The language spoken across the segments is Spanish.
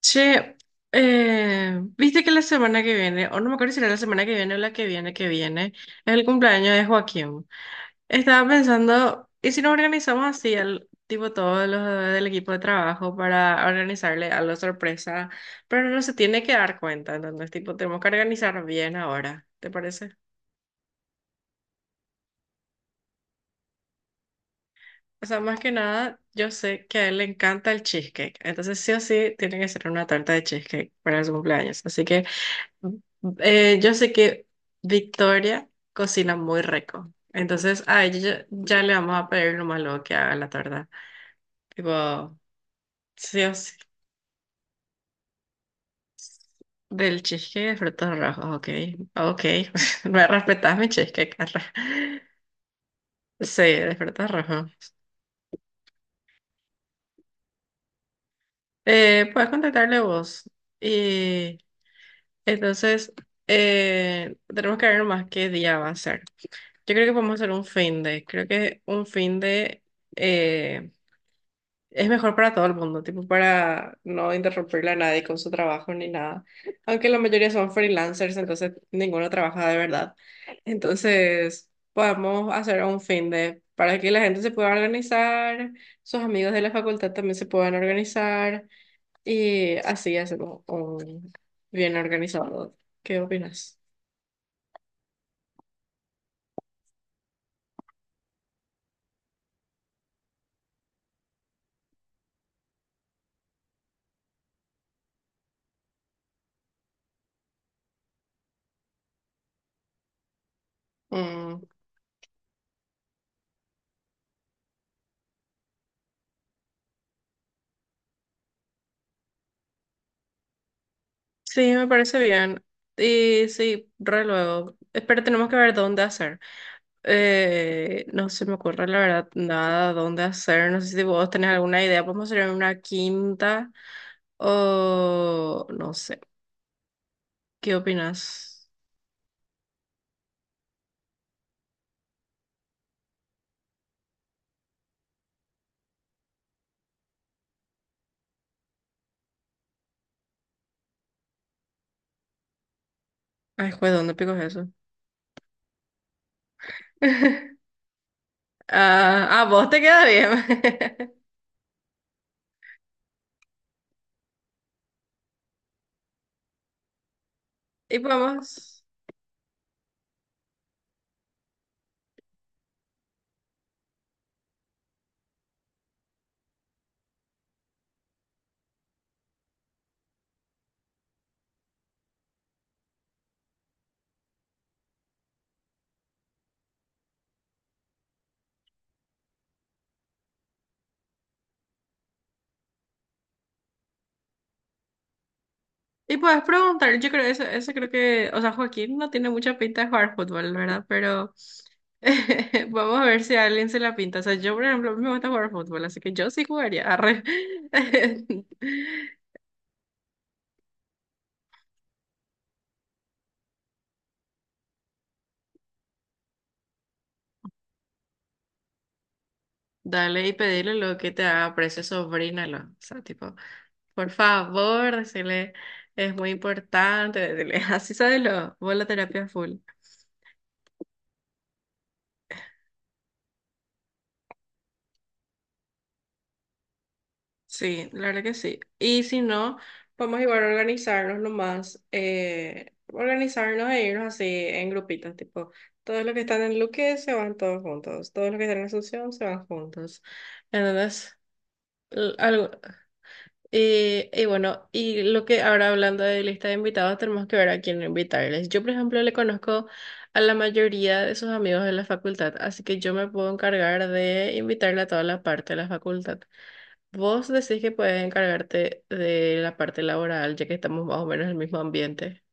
Che, viste que la semana que viene, o no me acuerdo si era la semana que viene o la que viene, es el cumpleaños de Joaquín. Estaba pensando, ¿y si nos organizamos así, al, tipo todos los del equipo de trabajo, para organizarle algo sorpresa? Pero no se tiene que dar cuenta, entonces, tipo, tenemos que organizar bien ahora, ¿te parece? O sea, más que nada, yo sé que a él le encanta el cheesecake, entonces sí o sí tiene que ser una tarta de cheesecake para su cumpleaños. Así que yo sé que Victoria cocina muy rico. Entonces, a ella ya, ya le vamos a pedir nomás luego que haga la torta. Tipo, sí o sí. Del cheesecake de frutos rojos, ok. Ok. Me respetas mi cheesecake, Carla. Sí, de frutos rojos. Puedes contactarle vos. Y entonces, tenemos que ver nomás qué día va a ser. Yo creo que podemos hacer un fin de. Creo que un fin de. eh, es mejor para todo el mundo, tipo para no interrumpirle a nadie con su trabajo ni nada. Aunque la mayoría son freelancers, entonces ninguno trabaja de verdad. Entonces, podemos hacer un fin de para que la gente se pueda organizar, sus amigos de la facultad también se puedan organizar y así hacemos un bien organizado. ¿Qué opinas? Mm, sí, me parece bien. Y sí, re luego. Pero tenemos que ver dónde hacer. No se me ocurre la verdad nada dónde hacer. No sé si vos tenés alguna idea. ¿Podemos hacer en una quinta? O no sé. ¿Qué opinas? Ay, juez, ¿dónde pico es eso? Ah, a vos te queda bien. Y podemos. Y puedes preguntar. Yo creo eso, eso creo que. O sea, Joaquín no tiene mucha pinta de jugar fútbol, ¿verdad? Pero vamos a ver si a alguien se la pinta. O sea, yo, por ejemplo, me gusta jugar fútbol, así que yo sí jugaría. Arre. Dale y pedirle lo que te haga precio, sobrínalo. O sea, tipo, por favor, decirle, es muy importante, decirle, así sabelo, vos la terapia full. Sí, la verdad que sí. Y si no, vamos igual a organizarnos nomás, organizarnos e irnos así en grupitos, tipo, todos los que están en Luque se van todos juntos, todos los que están en Asunción se van juntos. Entonces, y bueno, y lo que ahora hablando de lista de invitados, tenemos que ver a quién invitarles. Yo, por ejemplo, le conozco a la mayoría de sus amigos de la facultad, así que yo me puedo encargar de invitarle a toda la parte de la facultad. Vos decís que puedes encargarte de la parte laboral, ya que estamos más o menos en el mismo ambiente.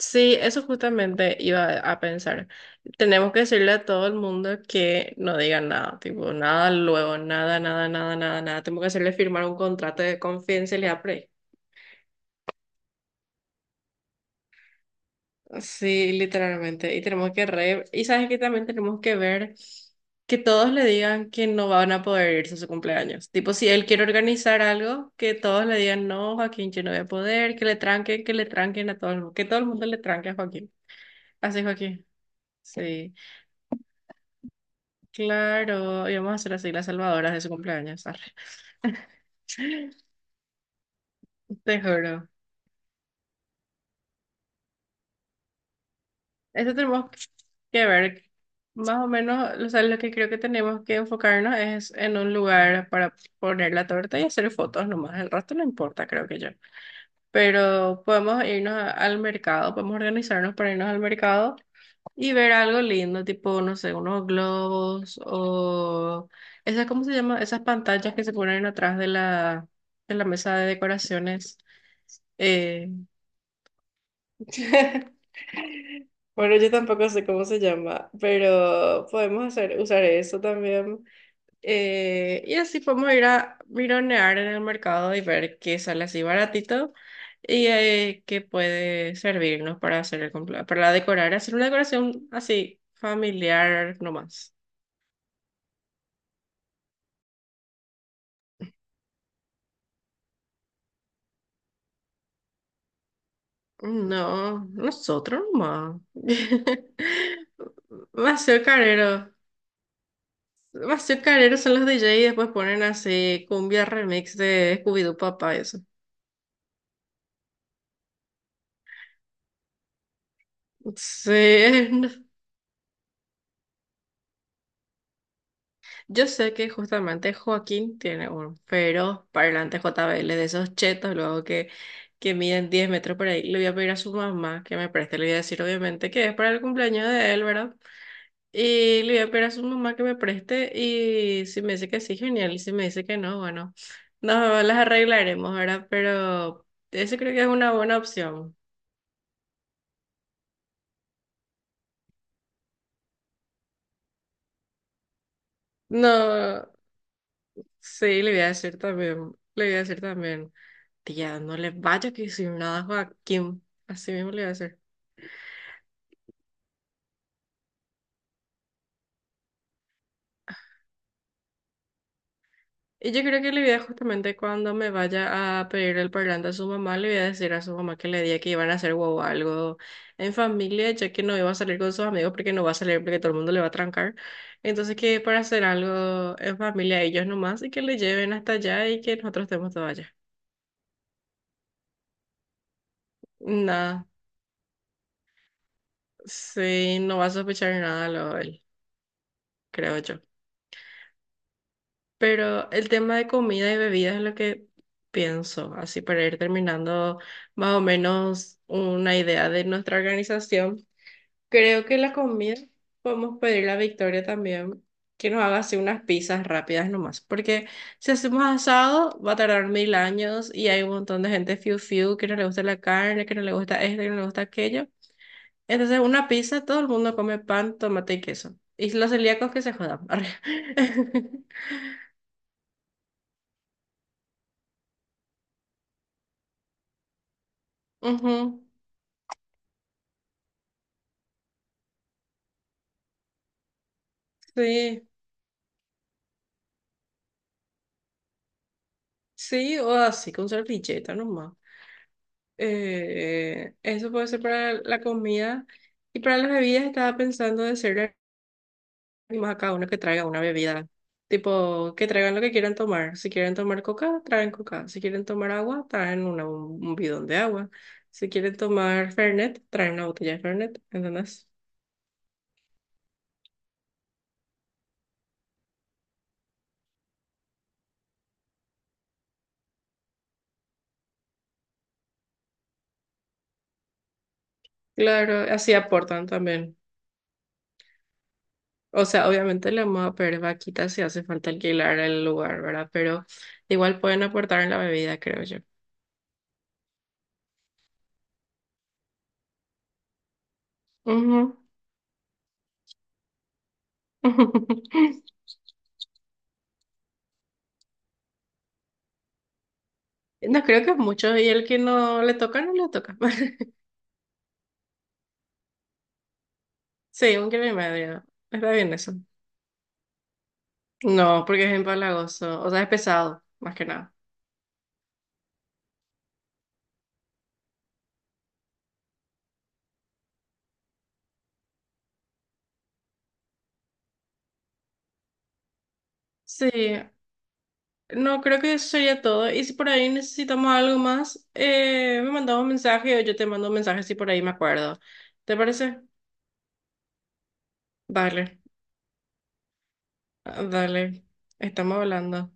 Sí, eso justamente iba a pensar. Tenemos que decirle a todo el mundo que no digan nada, tipo nada luego, nada, nada, nada, nada, nada. Tenemos que hacerle firmar un contrato de confidencialidad pre. Sí, literalmente. Y tenemos que re... Y sabes que también tenemos que ver que todos le digan que no van a poder irse a su cumpleaños. Tipo, si él quiere organizar algo, que todos le digan, no, Joaquín, yo no voy a poder, que le tranquen a todo el mundo, que todo el mundo le tranque a Joaquín. Así, Joaquín. Sí, claro. Y vamos a hacer así las salvadoras de su cumpleaños. Arre. Te juro. Eso tenemos que ver. Más o menos, o sea, lo que creo que tenemos que enfocarnos es en un lugar para poner la torta y hacer fotos nomás. El resto no importa, creo que yo. Pero podemos irnos a- al mercado, podemos organizarnos para irnos al mercado y ver algo lindo, tipo, no sé, unos globos o esas, ¿cómo se llama? Esas pantallas que se ponen atrás de la mesa de decoraciones. eh, Bueno, yo tampoco sé cómo se llama, pero podemos hacer, usar eso también. Y así podemos ir a mironear en el mercado y ver qué sale así baratito y qué puede servirnos para hacer el cumplea- para decorar, hacer una decoración así familiar nomás. No, nosotros nomás. Demasiado carero. Bastard Carrero son los DJ y después ponen así cumbia remix de Scooby-Doo Papá, eso. Sí, yo sé que justamente Joaquín tiene un pero parlante JBL de esos chetos, luego que miden 10 metros por ahí. Le voy a pedir a su mamá que me preste, le voy a decir obviamente que es para el cumpleaños de él, ¿verdad? Y le voy a pedir a su mamá que me preste y si me dice que sí, genial, y si me dice que no, bueno, nos las arreglaremos, ¿verdad? Pero eso creo que es una buena opción. No, sí, le voy a decir también, le voy a decir también, tía, no le vaya a decir nada a Joaquín, así mismo le voy a decir. Y yo creo que le voy a justamente cuando me vaya a pedir el parlante a su mamá, le voy a decir a su mamá que le diga que iban a hacer huevo algo en familia, ya que no iba a salir con sus amigos porque no va a salir porque todo el mundo le va a trancar. Entonces que para hacer algo en familia ellos nomás y que le lleven hasta allá y que nosotros estemos todos allá. Nada, sí, no va a sospechar nada lo él, creo yo. Pero el tema de comida y bebida es lo que pienso, así para ir terminando más o menos una idea de nuestra organización. Creo que la comida podemos pedirle a Victoria también que nos haga así unas pizzas rápidas nomás, porque si hacemos asado va a tardar mil años y hay un montón de gente fiu fiu que no le gusta la carne, que no le gusta esto, que no le gusta aquello. Entonces una pizza, todo el mundo come pan, tomate y queso. Y los celíacos que se jodan. Arre. Ujú. Sí, sí, o así con servilleta nomás. Eso puede ser para la comida. Y para las bebidas estaba pensando de hacerle más a cada uno que traiga una bebida. Tipo, que traigan lo que quieran tomar. Si quieren tomar coca, traen coca. Si quieren tomar agua, traen un bidón de agua. Si quieren tomar Fernet, traen una botella de Fernet. ¿Entendés? Claro, así aportan también. O sea, obviamente le vamos a pedir vaquita si hace falta alquilar el lugar, ¿verdad? Pero igual pueden aportar en la bebida, creo yo. Ujú. No creo que es mucho. Y el que no le toca, no le toca. Sí, 1 kilo y medio. Está bien eso. No, porque es empalagoso. O sea, es pesado, más que nada. Sí, no, creo que eso sería todo. Y si por ahí necesitamos algo más, me mandamos un mensaje o yo te mando un mensaje si por ahí me acuerdo. ¿Te parece? Vale. Ah, dale, estamos hablando.